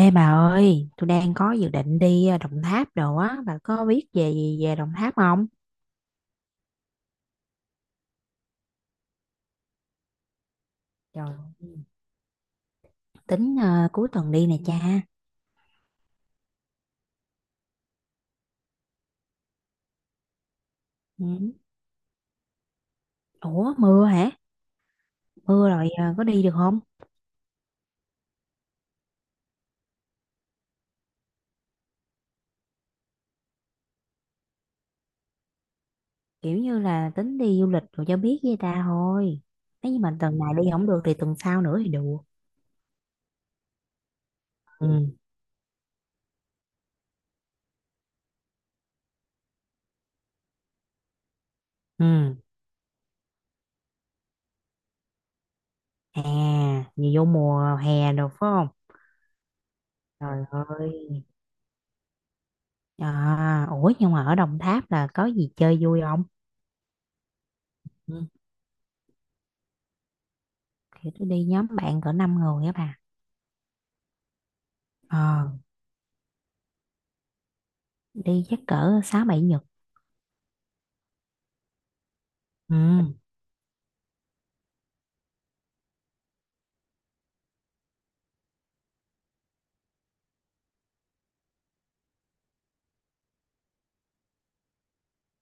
Ê bà ơi, tôi đang có dự định đi Đồng Tháp đồ á, bà có biết về gì về Đồng Tháp không? Trời ơi. Tính cuối tuần đi nè cha. Ừ. Ủa mưa hả? Mưa rồi có đi được không? Kiểu như là tính đi du lịch rồi cho biết với ta thôi. Nếu như mà tuần này đi không được thì tuần sau nữa thì được. Ừ. Ừ. À, vì vô mùa hè được phải không? Trời ơi. À, ủa nhưng mà ở Đồng Tháp là có gì chơi vui không? Ừ. Thì tôi đi nhóm bạn cỡ 5 người á bà. Ờ, đi chắc cỡ 6 7 Nhật. Ừ.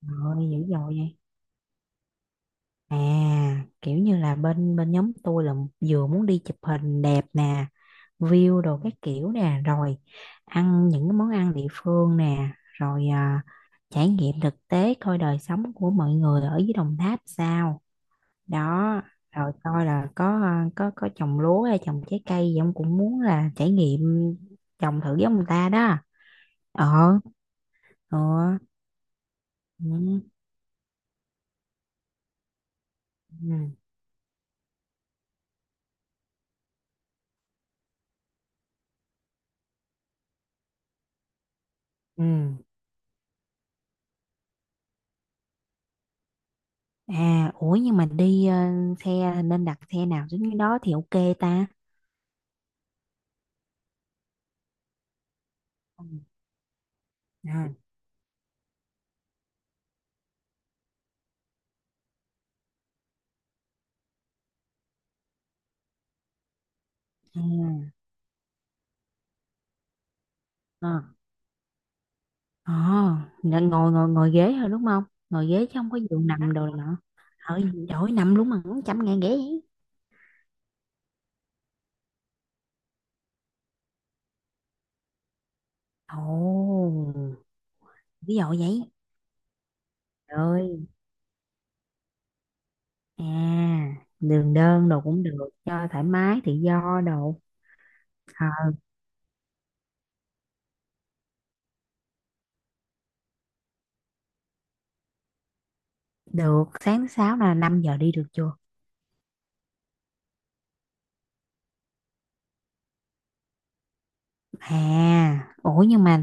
Trời dữ dội vậy. À, kiểu như là bên bên nhóm tôi là vừa muốn đi chụp hình đẹp nè, view đồ các kiểu nè, rồi ăn những cái món ăn địa phương nè, rồi trải nghiệm thực tế coi đời sống của mọi người ở dưới Đồng Tháp sao. Đó, rồi coi là có có trồng lúa hay trồng trái cây gì ông cũng muốn là trải nghiệm trồng thử giống người ta đó. Ờ, ờ. Ừ. Ừ. Ừ. À, ủa nhưng mà đi xe nên đặt xe nào giống như đó thì ok ta. Ừ, ha, à, à, à, ờ, nên ngồi ngồi ngồi ghế thôi đúng không? Ngồi ghế chứ không có giường nằm đồ nọ. Ở đổi nằm luôn mà cũng trăm ngàn ghế vậy. Ồ, ví dụ vậy. Trời ơi, à, đường đơn đồ cũng được, cho thoải mái tự do đồ. Ờ, được, sáng thứ 6 là 5 giờ đi được chưa? À, ủa nhưng mà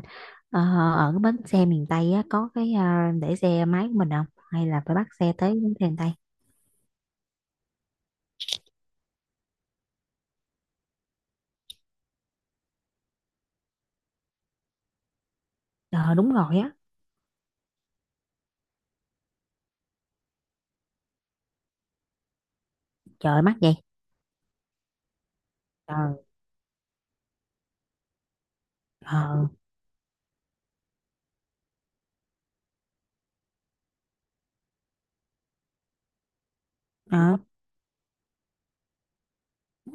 ờ, ở cái bến xe miền Tây á, có cái để xe máy của mình không? Hay là phải bắt xe tới bến xe miền Tây? Ờ đúng rồi á, trời mắc vậy. Ờ, ờ, ờ,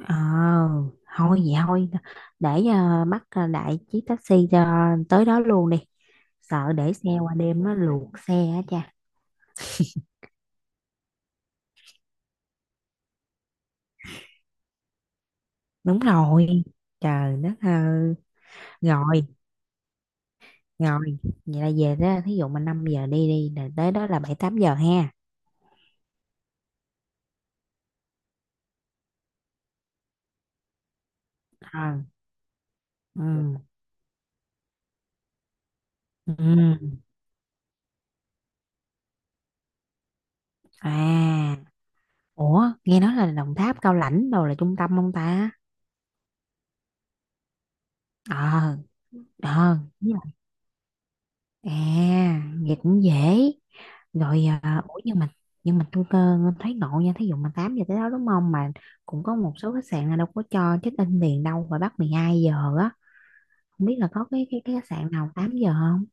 ờ, thôi vậy thôi, để bắt đại chiếc taxi cho tới đó luôn đi. Sợ để xe qua đêm nó luộc xe á cha. Đúng rồi, trời đất ơi. Rồi, rồi, vậy là về đó, thí dụ mà 5 giờ đi đi, là tới đó là 7 8 giờ ha. Ờ, ừ. Ừ. À, ủa, nghe nói là Đồng Tháp Cao Lãnh đâu là trung tâm không ta? Ờ, ờ, đúng rồi. À, vậy cũng dễ. Rồi, à, ủa nhưng mà tôi cơ thấy ngộ nha, thí dụ mà 8 giờ tới đó đúng không mà cũng có một số khách sạn là đâu có cho check in liền đâu và bắt 12 giờ á. Không biết là có cái khách sạn nào 8 giờ không?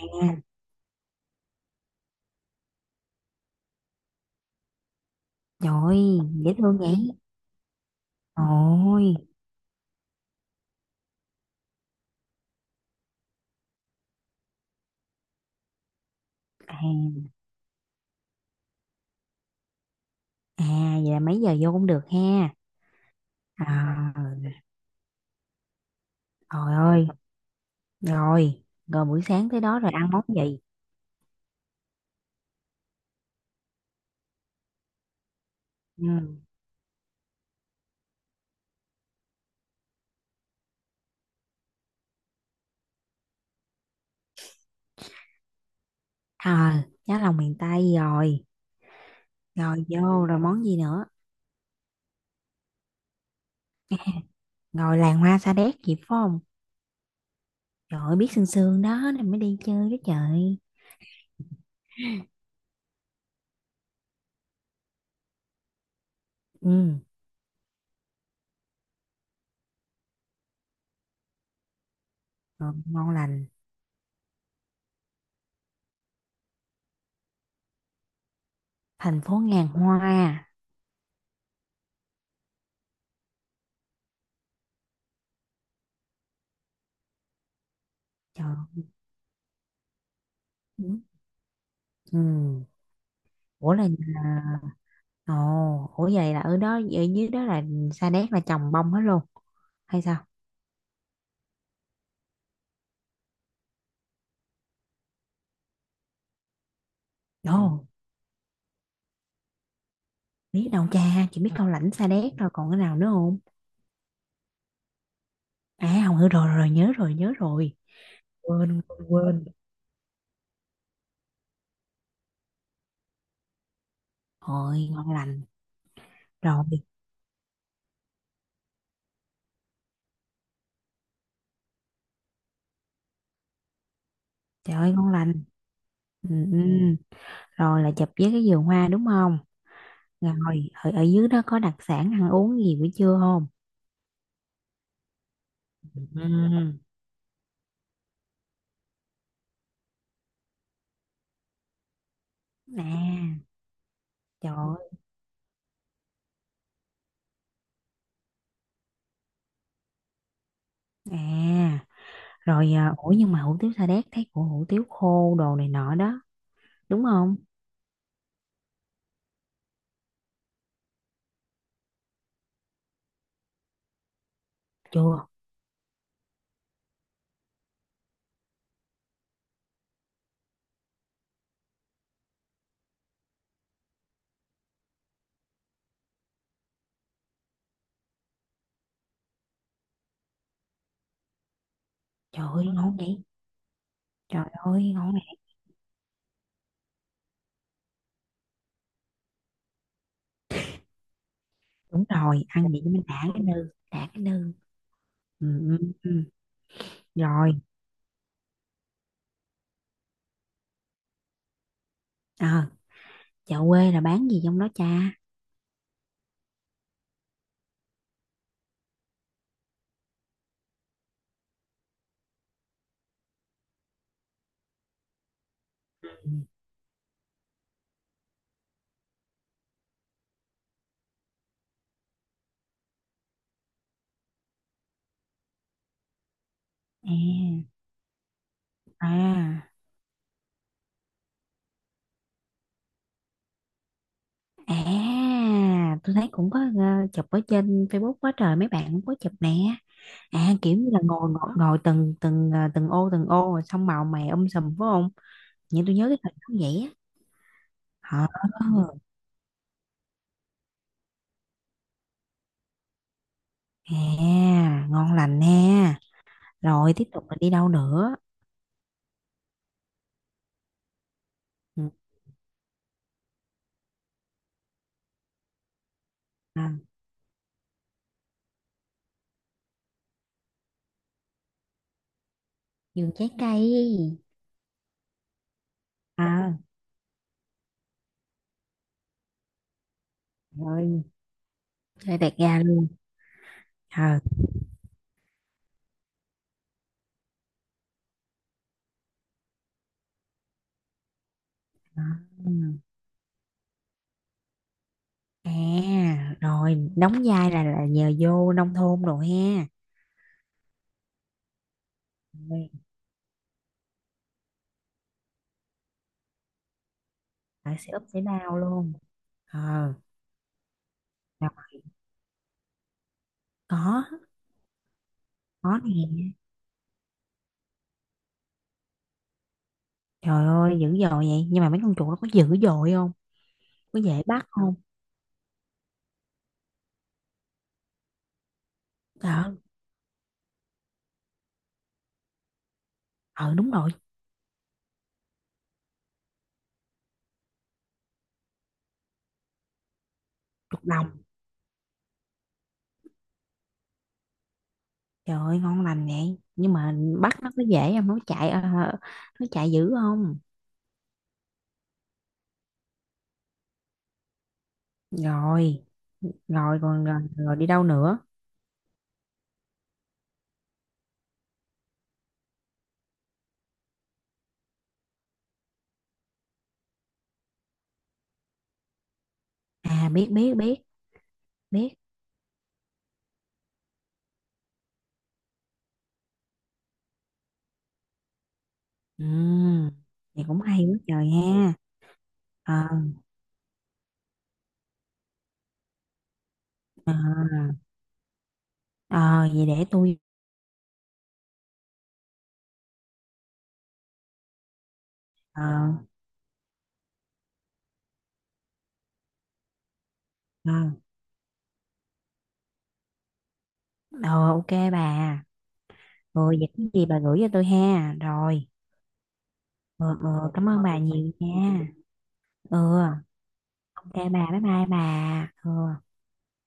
À, trời ơi, dễ thương vậy. Ôi, à, à vậy là mấy giờ vô cũng được ha. À, trời ơi. Rồi, rồi buổi sáng tới đó rồi ăn món gì? Ừ. À, giá lòng miền Tây rồi. Rồi vô rồi món gì nữa? Rồi làng hoa sa đéc gì phải không? Trời ơi, biết sương sương đó nên mới đi chơi đó trời. Ừ, rồi ngon lành. Thành phố ngàn hoa. Trời. Ừ. Ừ. Ủa là nhà... Ồ, ủa vậy là ở đó ở dưới đó là sa đéc là trồng bông hết luôn hay sao? Ồ, biết đâu cha, chỉ biết cao lãnh sa đéc rồi còn cái nào nữa. À không hiểu rồi, rồi, nhớ rồi quên quên quên. Rồi ngon lành. Rồi trời ơi ngon lành. Ừ, ừ. Rồi là chụp với cái vườn hoa đúng không? Rồi ở, ở dưới đó có đặc sản ăn uống gì buổi trưa không? Ừm, À trời ơi. À rồi ủa nhưng mà hủ tiếu Sa Đéc thấy của hủ tiếu khô đồ này nọ đó. Đúng không? Chưa. Trời ơi ngon vậy. Trời ơi ngon này. Đúng rồi ăn vậy cho mình đã cái nư. Đã cái nư. Ừ, ừ, ừ. Rồi. Ờ chợ quê là bán gì trong đó cha? Ừ. À à à tôi thấy cũng có chụp ở trên Facebook quá trời mấy bạn cũng có chụp nè. À kiểu như là ngồi ngồi, ngồi từng từng từng ô rồi xong màu mè sùm phải không? Nhưng tôi nhớ cái hình nó vậy á. Ờ, à ngon lành nè. Rồi tiếp tục là đi đâu nữa? Ừ, à, vườn trái cây. À rồi chơi tẹt ga luôn. Ờ. À, à, rồi đóng vai là nhờ vô nông thôn rồi ha. Rồi, phải sẽ úp sẽ bao luôn. Ờ, nào mà có, có nè. Trời ơi, dữ dội vậy. Nhưng mà mấy con chuột nó có dữ dội không? Có dễ bắt không? Ờ, ờ đúng rồi, chuột đồng. Trời ơi, ngon lành vậy. Nhưng mà bắt nó có dễ không? Nó chạy, nó chạy dữ không? Rồi, rồi đi đâu nữa? À, biết, biết, biết, biết. Ừ, vậy cũng hay quá trời ha. Ờ. Ờ, ờ, vậy để tôi ờ, ờ, ờ, ok bà. Ừ, vậy cái gì bà gửi cho tôi ha rồi. Ừ, ừ, cảm ơn bà nhiều nha. Ừ ok bà bye bye bà. Ừ.